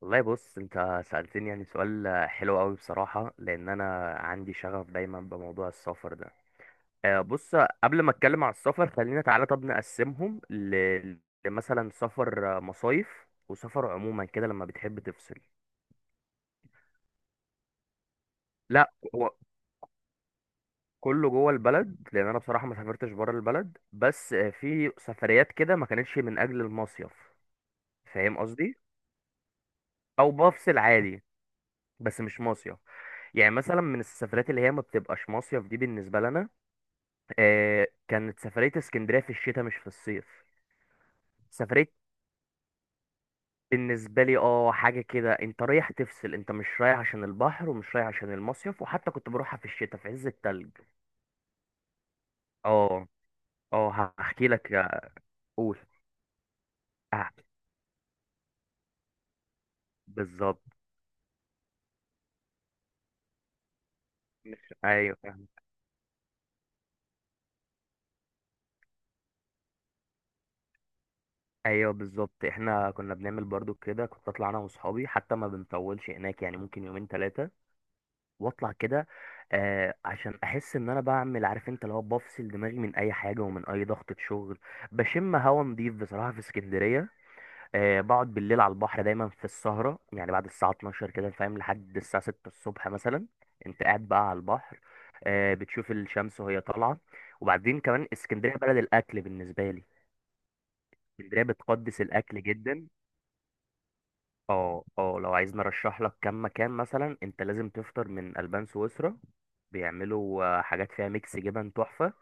والله بص، انت سألتني يعني سؤال حلو قوي بصراحة، لان انا عندي شغف دايما بموضوع السفر ده. بص، قبل ما اتكلم على السفر خلينا تعالى طب نقسمهم ل... لمثلا سفر مصايف وسفر عموما كده لما بتحب تفصل. لا، هو كله جوه البلد، لان انا بصراحة ما سافرتش بره البلد، بس في سفريات كده ما كانتش من اجل المصيف. فاهم قصدي، او بفصل عادي، بس مش مصيف. يعني مثلا من السفرات اللي هي ما بتبقاش مصيف دي بالنسبة لنا، كانت سفرية اسكندرية في الشتاء مش في الصيف. سفرية بالنسبة لي، اه، حاجة كده انت رايح تفصل، انت مش رايح عشان البحر ومش رايح عشان المصيف، وحتى كنت بروحها في الشتاء في عز التلج. اه، اه، هحكي لك. قول. اه، بالظبط. مش، ايوه فاهم. ايوه بالظبط، احنا كنا بنعمل برضو كده، كنت اطلع انا واصحابي، حتى ما بنطولش هناك يعني، ممكن يومين ثلاثة واطلع كده. عشان احس ان انا بعمل، عارف انت، اللي هو بفصل دماغي من اي حاجه ومن اي ضغطه شغل. بشم هوا نضيف بصراحه في اسكندريه. بقعد بالليل على البحر دايما في السهره، يعني بعد الساعه 12 كده فاهم، لحد الساعه 6 الصبح مثلا. انت قاعد بقى على البحر، بتشوف الشمس وهي طالعه. وبعدين كمان اسكندريه بلد الاكل بالنسبه لي. اسكندريه بتقدس الاكل جدا. اه اه، لو عايز نرشح لك كم مكان، مثلا انت لازم تفطر من البان سويسرا، بيعملوا حاجات فيها ميكس جبن تحفة.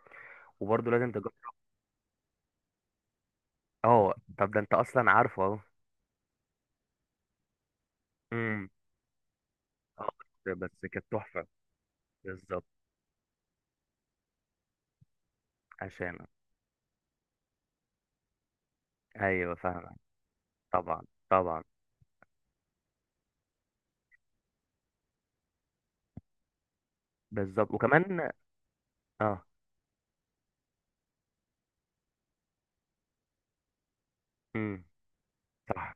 وبرضه لازم تجرب. اه طب ده انت اصلا عارفه اهو. امم. اه. بس كانت تحفة. بالظبط. عشان. ايوه فاهمك. طبعا. طبعا. بالظبط وكمان. اه. امم. صح.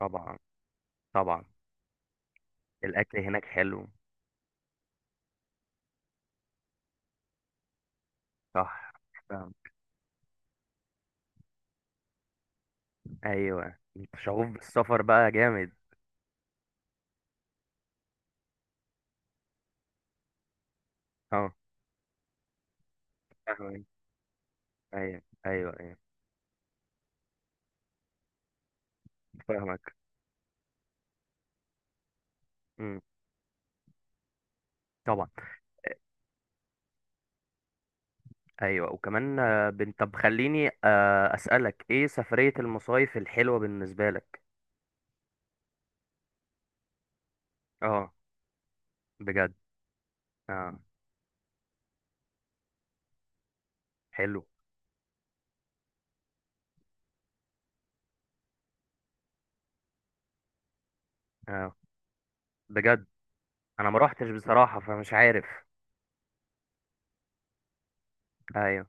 طبعا. طبعا. الاكل هناك حلو. صح. فاهم. ايوه، انت شغوف بالسفر بقى جامد. اه. فاهمك. ايوه ايوه ايوه. فاهمك. مم. طبعا. ايوه وكمان، طب خليني اسالك، ايه سفريه المصايف الحلوه بالنسبه لك؟ اه. بجد. اه. حلو. اه. بجد انا ما روحتش بصراحه، فمش عارف. ايوه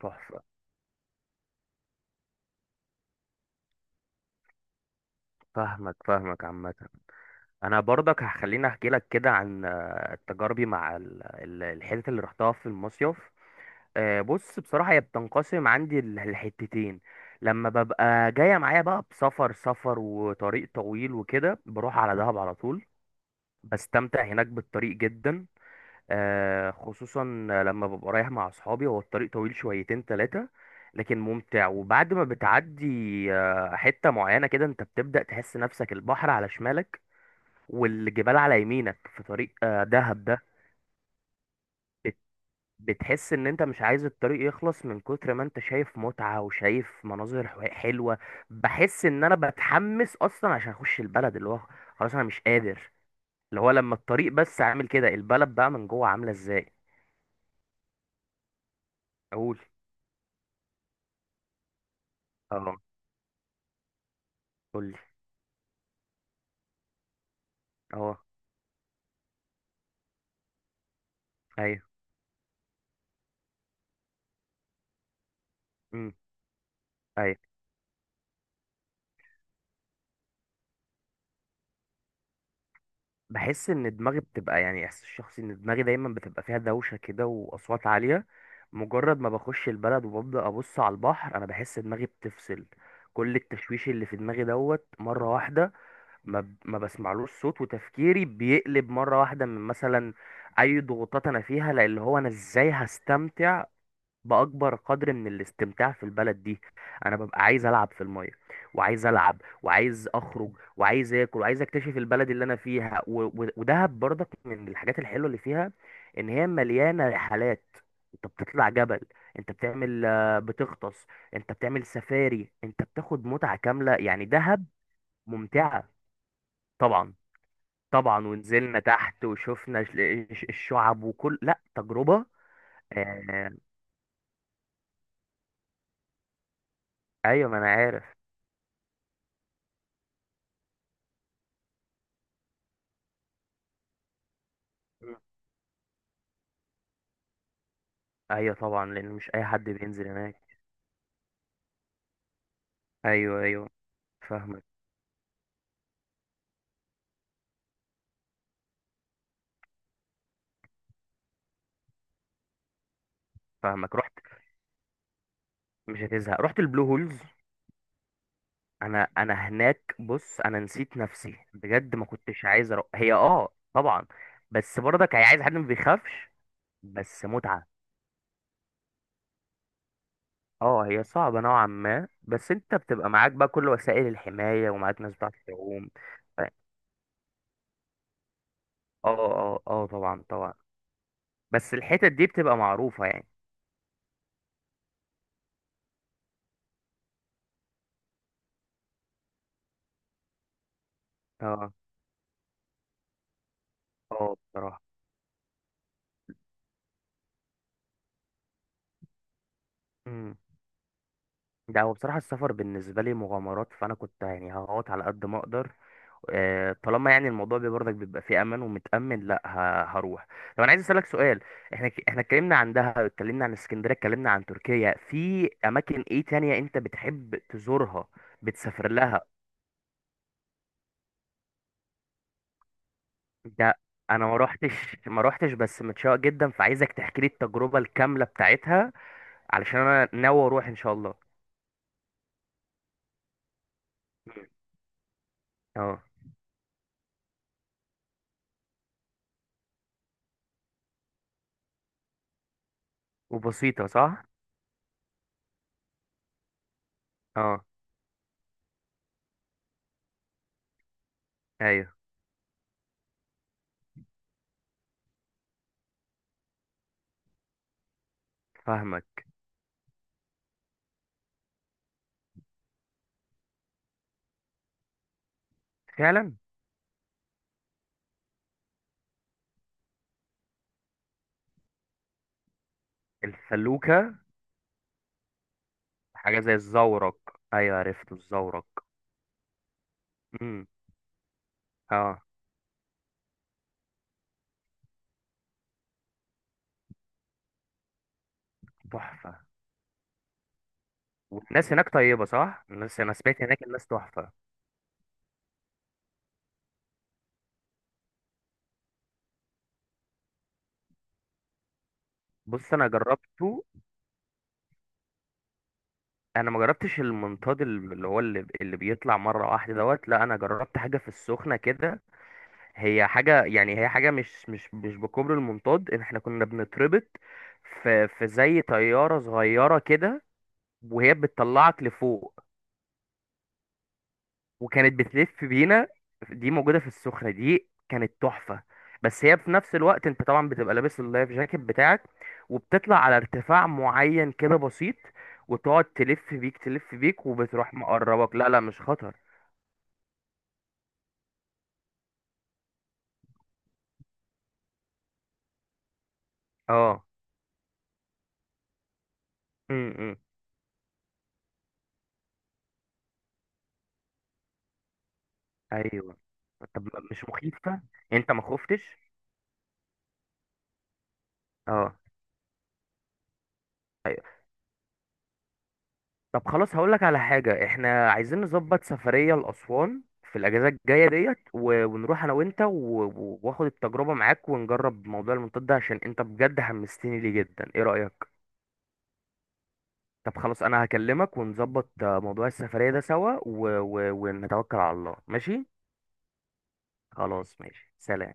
تحفه. فاهمك فاهمك. عامه انا برضك هخليني احكي لك كده عن تجاربي مع الحتت اللي رحتها في المصيف. بص بصراحة، هي بتنقسم عندي الحتتين. لما ببقى جاية معايا بقى بسفر سفر وطريق طويل وكده، بروح على دهب على طول. بستمتع هناك بالطريق جدا، خصوصا لما ببقى رايح مع أصحابي. هو الطريق طويل شويتين تلاتة، لكن ممتع. وبعد ما بتعدي حتة معينة كده، انت بتبدأ تحس نفسك البحر على شمالك والجبال على يمينك في طريق دهب ده. بت- بتحس ان انت مش عايز الطريق يخلص من كتر ما انت شايف متعة وشايف مناظر حلوة. بحس ان انا بتحمس اصلا عشان اخش البلد، اللي هو، خلاص انا مش قادر، اللي هو لما الطريق بس عامل كده البلد بقى من جوه عاملة ازاي. اقول. اه. قول. اه. ايوه. امم. أيوه. بحس ان دماغي بتبقى، يعني احساس شخصي، ان دماغي دايما بتبقى فيها دوشه كده واصوات عاليه. مجرد ما بخش البلد وببدا ابص على البحر، انا بحس دماغي بتفصل. كل التشويش اللي في دماغي دوت مره واحده. ما بسمعلوش صوت، وتفكيري بيقلب مره واحده من مثلا اي ضغوطات انا فيها. لان هو انا ازاي هستمتع باكبر قدر من الاستمتاع في البلد دي؟ انا ببقى عايز العب في الميه، وعايز العب، وعايز اخرج، وعايز اكل، وعايز اكتشف البلد اللي انا فيها ودهب برضك من الحاجات الحلوه اللي فيها، ان هي مليانه رحلات. انت بتطلع جبل، انت بتعمل بتغطس، انت بتعمل سفاري، انت بتاخد متعه كامله يعني دهب. ممتعه. طبعا. طبعا ونزلنا تحت وشفنا الشعب وكل، لا تجربه. آه، ايوه ما انا عارف. ايوه طبعا، لان مش اي حد بينزل هناك. ايوه ايوه فاهمك. فاهمك. رحت. مش هتزهق. رحت البلو هولز. انا هناك بص، انا نسيت نفسي بجد، ما كنتش عايز أروح. هي اه طبعا. بس برضك هي عايز حد ما بيخافش. بس متعه. اه هي صعبه نوعا ما، بس انت بتبقى معاك بقى كل وسائل الحمايه ومعاك ناس بتعرف تعوم. ف- اه اه اه طبعا طبعا. بس الحتت دي بتبقى معروفه يعني. اه. اه بصراحه. إمم. ده هو بصراحة السفر بالنسبة لي مغامرات، فأنا كنت يعني هقعد على قد ما أقدر، طالما يعني الموضوع برضك بيبقى فيه أمان ومتأمن. لأ هروح. طب أنا عايز أسألك سؤال. إحنا إحنا اتكلمنا عن دهب، اتكلمنا عن اسكندرية، اتكلمنا عن تركيا، في أماكن إيه تانية أنت بتحب تزورها؟ بتسافر لها. ده أنا ما روحتش، بس متشوق جدا، فعايزك تحكي لي التجربة الكاملة بتاعتها، علشان أنا ناوي أروح إن شاء الله. مم. أه. وبسيطة صح؟ أه. أيوه. فاهمك. فعلا. الفلوكة. حاجة زي الزورق. أيوة، عرفته، الزورق. امم. اه. تحفة. والناس هناك طيبة صح؟ الناس أنا سمعت هناك الناس تحفة. بص أنا جربته. أنا ما جربتش المنطاد اللي هو اللي بيطلع مرة واحدة دوت، لا أنا جربت حاجة في السخنة كده. هي حاجة يعني، هي حاجة مش بكوبري المنطاد، إن إحنا كنا بنتربط في زي طيارة صغيرة كده وهي بتطلعك لفوق، وكانت بتلف بينا. دي موجودة في السخنة، دي كانت تحفة. بس هي في نفس الوقت انت طبعا بتبقى لابس اللايف جاكيت بتاعك، وبتطلع على ارتفاع معين كده بسيط، وتقعد تلف بيك تلف بيك، وبتروح مقربك، لا لا مش خطر. اه. امم. ايوه. طب مش مخيفة؟ انت ما خفتش؟ اه. طب خلاص، هقول لك على حاجة، احنا عايزين نظبط سفرية لأسوان في الأجازة الجاية ديت، ونروح أنا وأنت وآخد التجربة معاك ونجرب موضوع المنطاد ده، عشان أنت بجد حمستني ليه جدا، إيه رأيك؟ طب خلاص، أنا هكلمك ونظبط موضوع السفرية ده سوا ونتوكل على الله ماشي؟ خلاص ماشي، سلام.